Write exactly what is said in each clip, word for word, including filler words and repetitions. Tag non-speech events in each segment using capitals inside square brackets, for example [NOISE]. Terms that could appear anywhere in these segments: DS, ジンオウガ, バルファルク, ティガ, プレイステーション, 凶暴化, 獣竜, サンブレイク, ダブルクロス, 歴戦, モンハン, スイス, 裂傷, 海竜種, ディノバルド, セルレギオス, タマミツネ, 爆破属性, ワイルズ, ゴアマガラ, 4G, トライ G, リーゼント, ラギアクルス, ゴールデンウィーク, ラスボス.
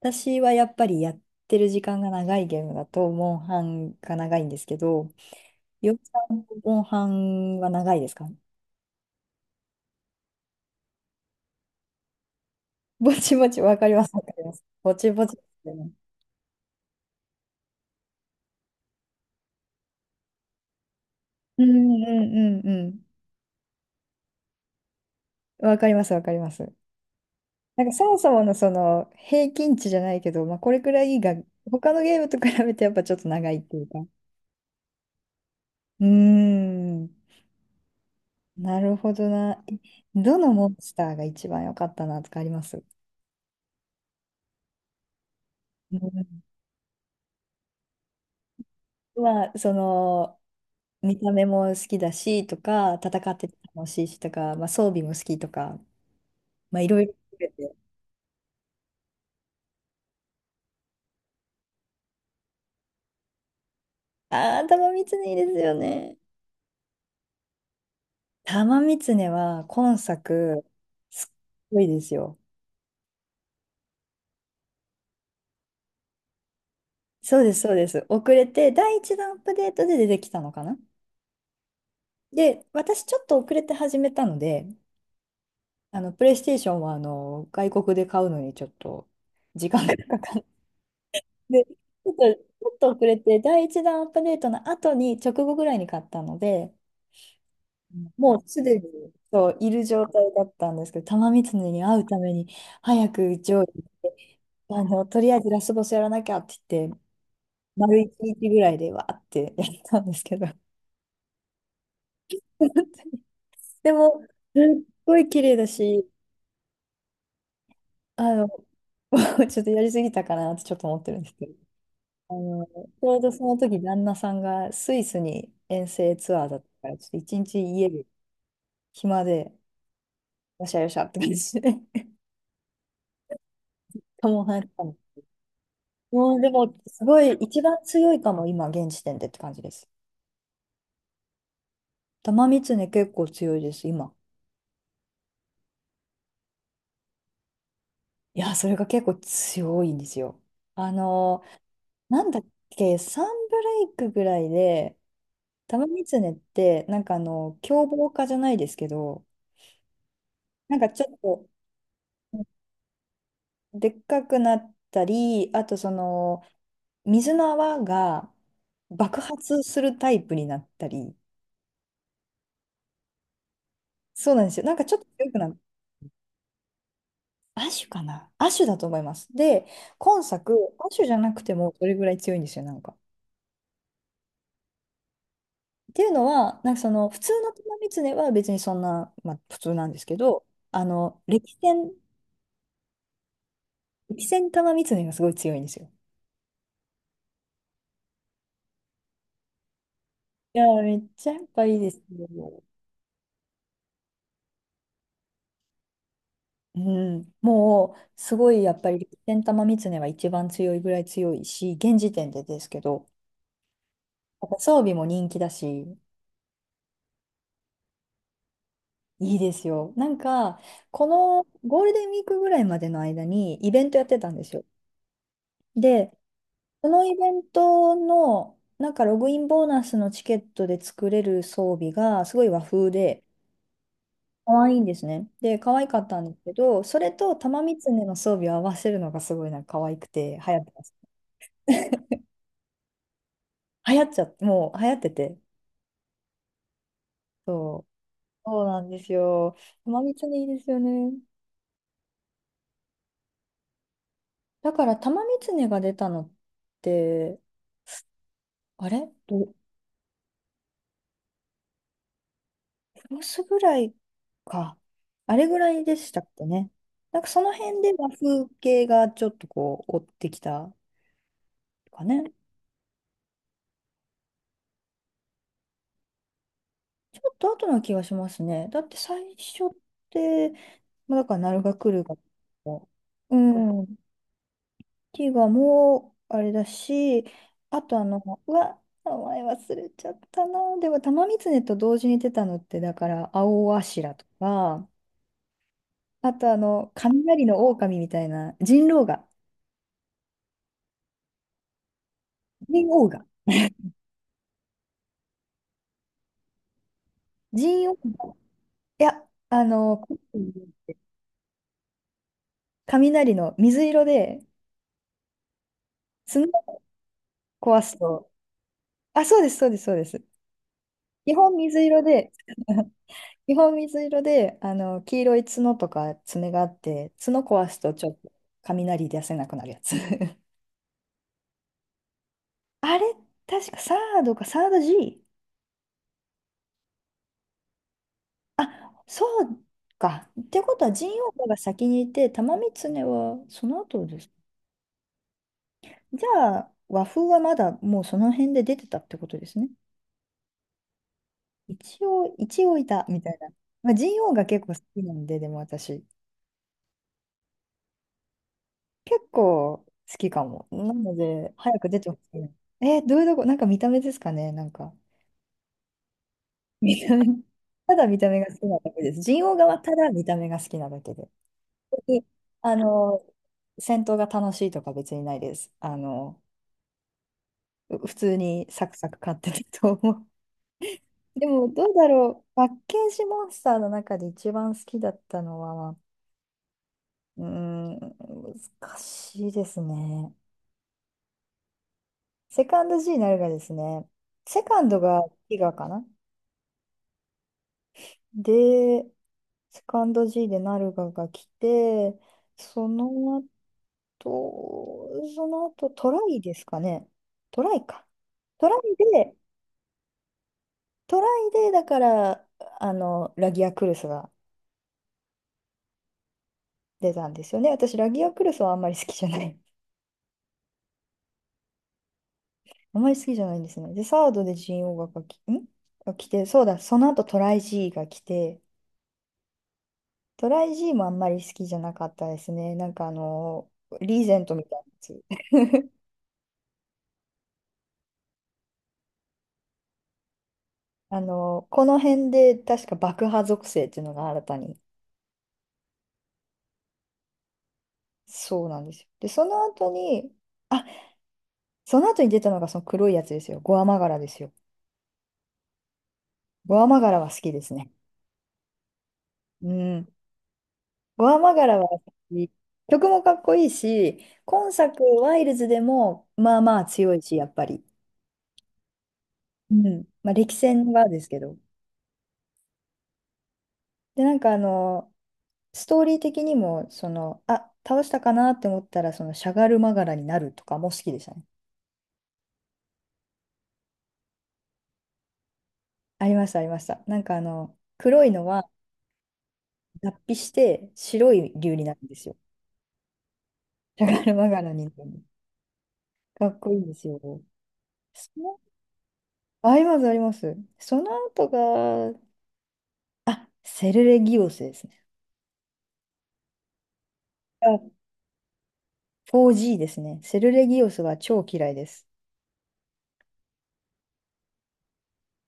私はやっぱりやってる時間が長いゲームだと、モンハンが長いんですけど、ようさんのモンハンは長いですか？ [LAUGHS] ぼちぼち、わかります、わかります。ぼちぼちですよね。うんうんうんうん。わかります、わかります。なんかそもそものその平均値じゃないけど、まあ、これくらいが、他のゲームと比べてやっぱちょっと長いっていうか。うーん、なるほどな。えどのモンスターが一番良かったなとかあります？うん。まあ、その、見た目も好きだしとか、戦ってて楽しいしとか、まあ、装備も好きとか、まあ、いろいろ含めて。ああ、玉三いいですよね。玉三つは今作、すっごいですよ。そうです、そうです。遅れて、第一弾アップデートで出てきたのかな。で、私ちょっと遅れて始めたので、あの、プレイステーションはあの外国で買うのにちょっと時間がかかって、ちょっと、ちょっと遅れて、第一弾アップデートの後に、直後ぐらいに買ったので、もうすでにそういる状態だったんですけど、玉三ネに会うために早く上位行って、あの、とりあえずラスボスやらなきゃって言って、丸一日ぐらいでわーってやったんですけど、[LAUGHS] でも、すっごい綺麗だし、あの、[LAUGHS] ちょっとやりすぎたかなってちょっと思ってるんですけど、あの、ちょうどその時旦那さんがスイスに遠征ツアーだったから、ちょっと一日家で暇で、よしゃよしゃって感じで、[LAUGHS] カモンハン。うん、でも、すごい、一番強いかも、今、現時点でって感じです。玉三つね、結構強いです、今。いや、それが結構強いんですよ。あの、なんだっけ、サンブレイクぐらいで、玉三つねって、なんかあの、凶暴化じゃないですけど、なんかちょっと、でっかくなったり、あとその、水の泡が爆発するタイプになったり、そうなんですよ。なんかちょっと強くなっ、アシュかな、アシュだと思います。で、今作、アシュじゃなくてもそれぐらい強いんですよ、なんか。っていうのは、なんかその、普通の玉狐は別にそんな、まあ普通なんですけど、あの、歴戦、歴戦玉狐がすごい強いんですよ。いやー、めっちゃやっぱいいですよ。うん、もう、すごいやっぱり歴戦玉ねは一番強いぐらい強いし、現時点でですけど、やっぱ装備も人気だし、いいですよ。なんか、このゴールデンウィークぐらいまでの間にイベントやってたんですよ。で、このイベントの、なんかログインボーナスのチケットで作れる装備がすごい和風で、可愛いんですね。で、可愛かったんですけど、それと玉三つねの装備を合わせるのがすごいなんか可愛くて流行ってます。流行っちゃって、もう流行ってて。そう。そうなんですよ。玉三つねいいですよね。だから玉三つねが出たのって、あれど、ロスぐらいか。あれぐらいでしたっけね。なんかその辺で和風系がちょっとこう追ってきたかね。ちょっと後な気がしますね。だって最初って、まあ、だから鳴が来るが、うん、ティガもあれだし、あとあの、うわ、名前忘れちゃったな。でも玉三ねと同時に出たのって、だから青柱とか、あとあの、雷の狼みたいな、人狼が、人狼が。ジンオウも、いや、あの、雷の水色で、角を壊すと、あ、そうです、そうです、そうです。基本水色で、[LAUGHS] 基本水色で、あの、黄色い角とか爪があって、角壊すとちょっと雷出せなくなるやつ。[LAUGHS] あれ、確かサードか、サード G？ あ、そうか。ってことは、神王が先にいて、玉三常はその後です。じゃあ、和風はまだもうその辺で出てたってことですね。一応、一応いた、みたいな。まあ、ジンオウが結構好きなんで、でも私、結構好きかも。なので、早く出てほしい。えーどういうとこ、なんか見た目ですかね、なんか。見た目、ただ見た目が好きなだけです。ジンオウ側はただ見た目が好きなだけで。で、あの、戦闘が楽しいとか別にないです。あの、普通にサクサク勝ってると思う。でも、どうだろう。パッケージモンスターの中で一番好きだったのは、うーん、難しいですね。セカンド G になるがですね、セカンドがティガかな。で、セカンド G でナルガが来て、その後、その後トライですかね。トライか。トライで、トライで、だから、あの、ラギアクルスが出たんですよね。私、ラギアクルスはあんまり好きじゃない、あまり好きじゃないんですね。で、サードでジーオ o が来んが来て、そうだ、その後トライ G が来て、トライ G もあんまり好きじゃなかったですね。なんかあの、リーゼントみたいなやつ。[LAUGHS] あの、この辺で確か爆破属性っていうのが新たに。そうなんですよ。で、その後に、あ、その後に出たのがその黒いやつですよ。ゴアマガラですよ。ゴアマガラは好きですね。うん。ゴアマガラは曲もかっこいいし、今作、ワイルズでもまあまあ強いし、やっぱり。うん。まあ、歴戦はですけど。で、なんかあの、ストーリー的にも、その、あ、倒したかなって思ったら、その、しゃがるまがらになるとかも好きでしたね。ありました、ありました。なんかあの、黒いのは脱皮して白い竜になるんですよ。しゃがるまがらになる。かっこいいんですよ。その、あります、あります。その後が、セルレギオスですね。よんジー ですね。セルレギオスは超嫌いです。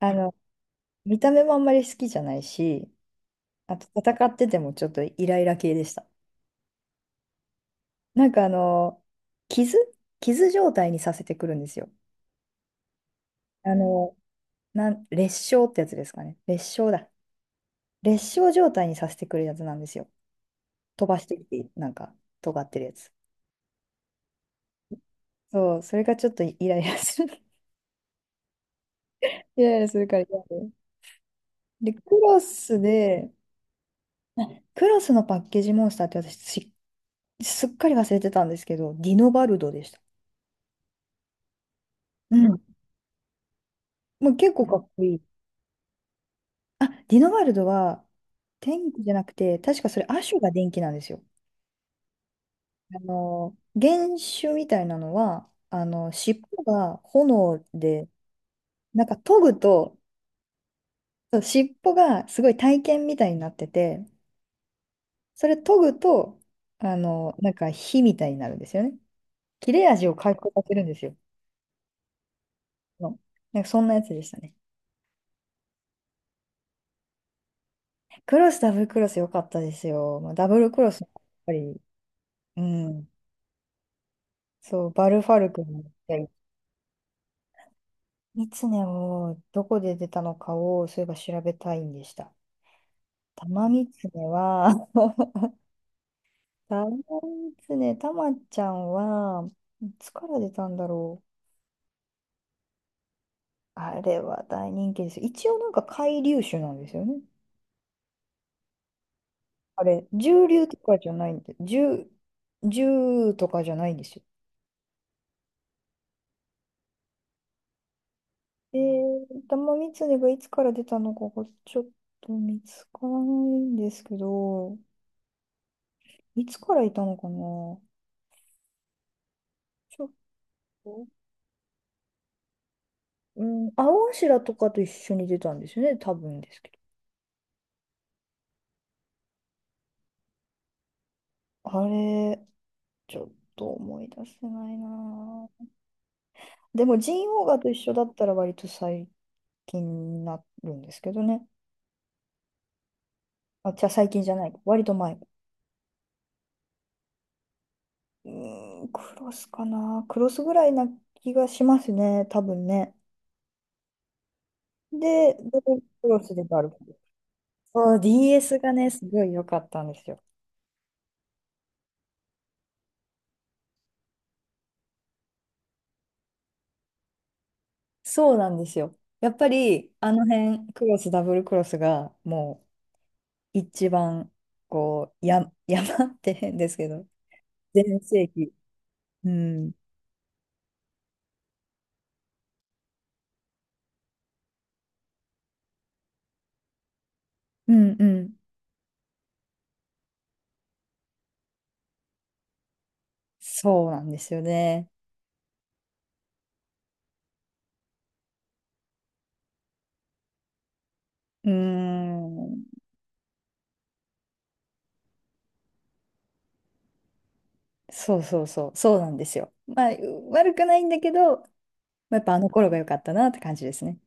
あの、見た目もあんまり好きじゃないし、あと戦っててもちょっとイライラ系でした。なんかあの、傷傷状態にさせてくるんですよ。あの、なん、裂傷ってやつですかね。裂傷だ。裂傷状態にさせてくるやつなんですよ。飛ばしてきて、なんか、尖ってるやつ。そう、それがちょっとイライラする。[LAUGHS] イライラするから嫌で。で、クロスで、あ、クロスのパッケージモンスターって私、し、すっかり忘れてたんですけど、ディノバルドでした。うん。もう結構かっこいい。あ、ディノバルドは天気じゃなくて、確かそれ亜種が電気なんですよ。あの、原種みたいなのは、あの、尻尾が炎で、なんか研ぐと、そう尻尾がすごい体剣みたいになってて、それ研ぐと、あの、なんか火みたいになるんですよね。切れ味を回復させるんですよ。の、なんかそんなやつでしたね。クロス、ダブルクロス良かったですよ。まあ、ダブルクロス、やっぱり、うん。そう、バルファルクに行ったり、ミツネをどこで出たのかを、そういえば調べたいんでした。タマミツネは、[LAUGHS] タマミツネ、タマちゃんは、いつから出たんだろう。あれは大人気ですよ。一応なんか海竜種なんですよね。あれ、獣竜とかじゃないんで、獣、獣とかじゃないんですよ。えー、玉三つねがいつから出たのかがちょっと見つからないんですけど、いつからいたのかな、ちょっと、うん、青柱とかと一緒に出たんですよね、多分ですけど。あれ、ちょっと思い出せないなぁ。でも、ジンオウガと一緒だったら割と最近になるんですけどね。あ、じゃあ最近じゃない。割と前。うーん、クロスかな。クロスぐらいな気がしますね、多分ね。で、どうすればあるそう、ディーエス がね、すごい良かったんですよ。そうなんですよ。やっぱり、あの辺、クロス、ダブルクロスが、もう、一番、こう、や、[LAUGHS] 山って変ですけど、全盛期。うん。うんうん。そうなんですよね。うーん。そうそうそう。そうなんですよ。まあ、悪くないんだけど、まあやっぱあの頃が良かったなって感じですね。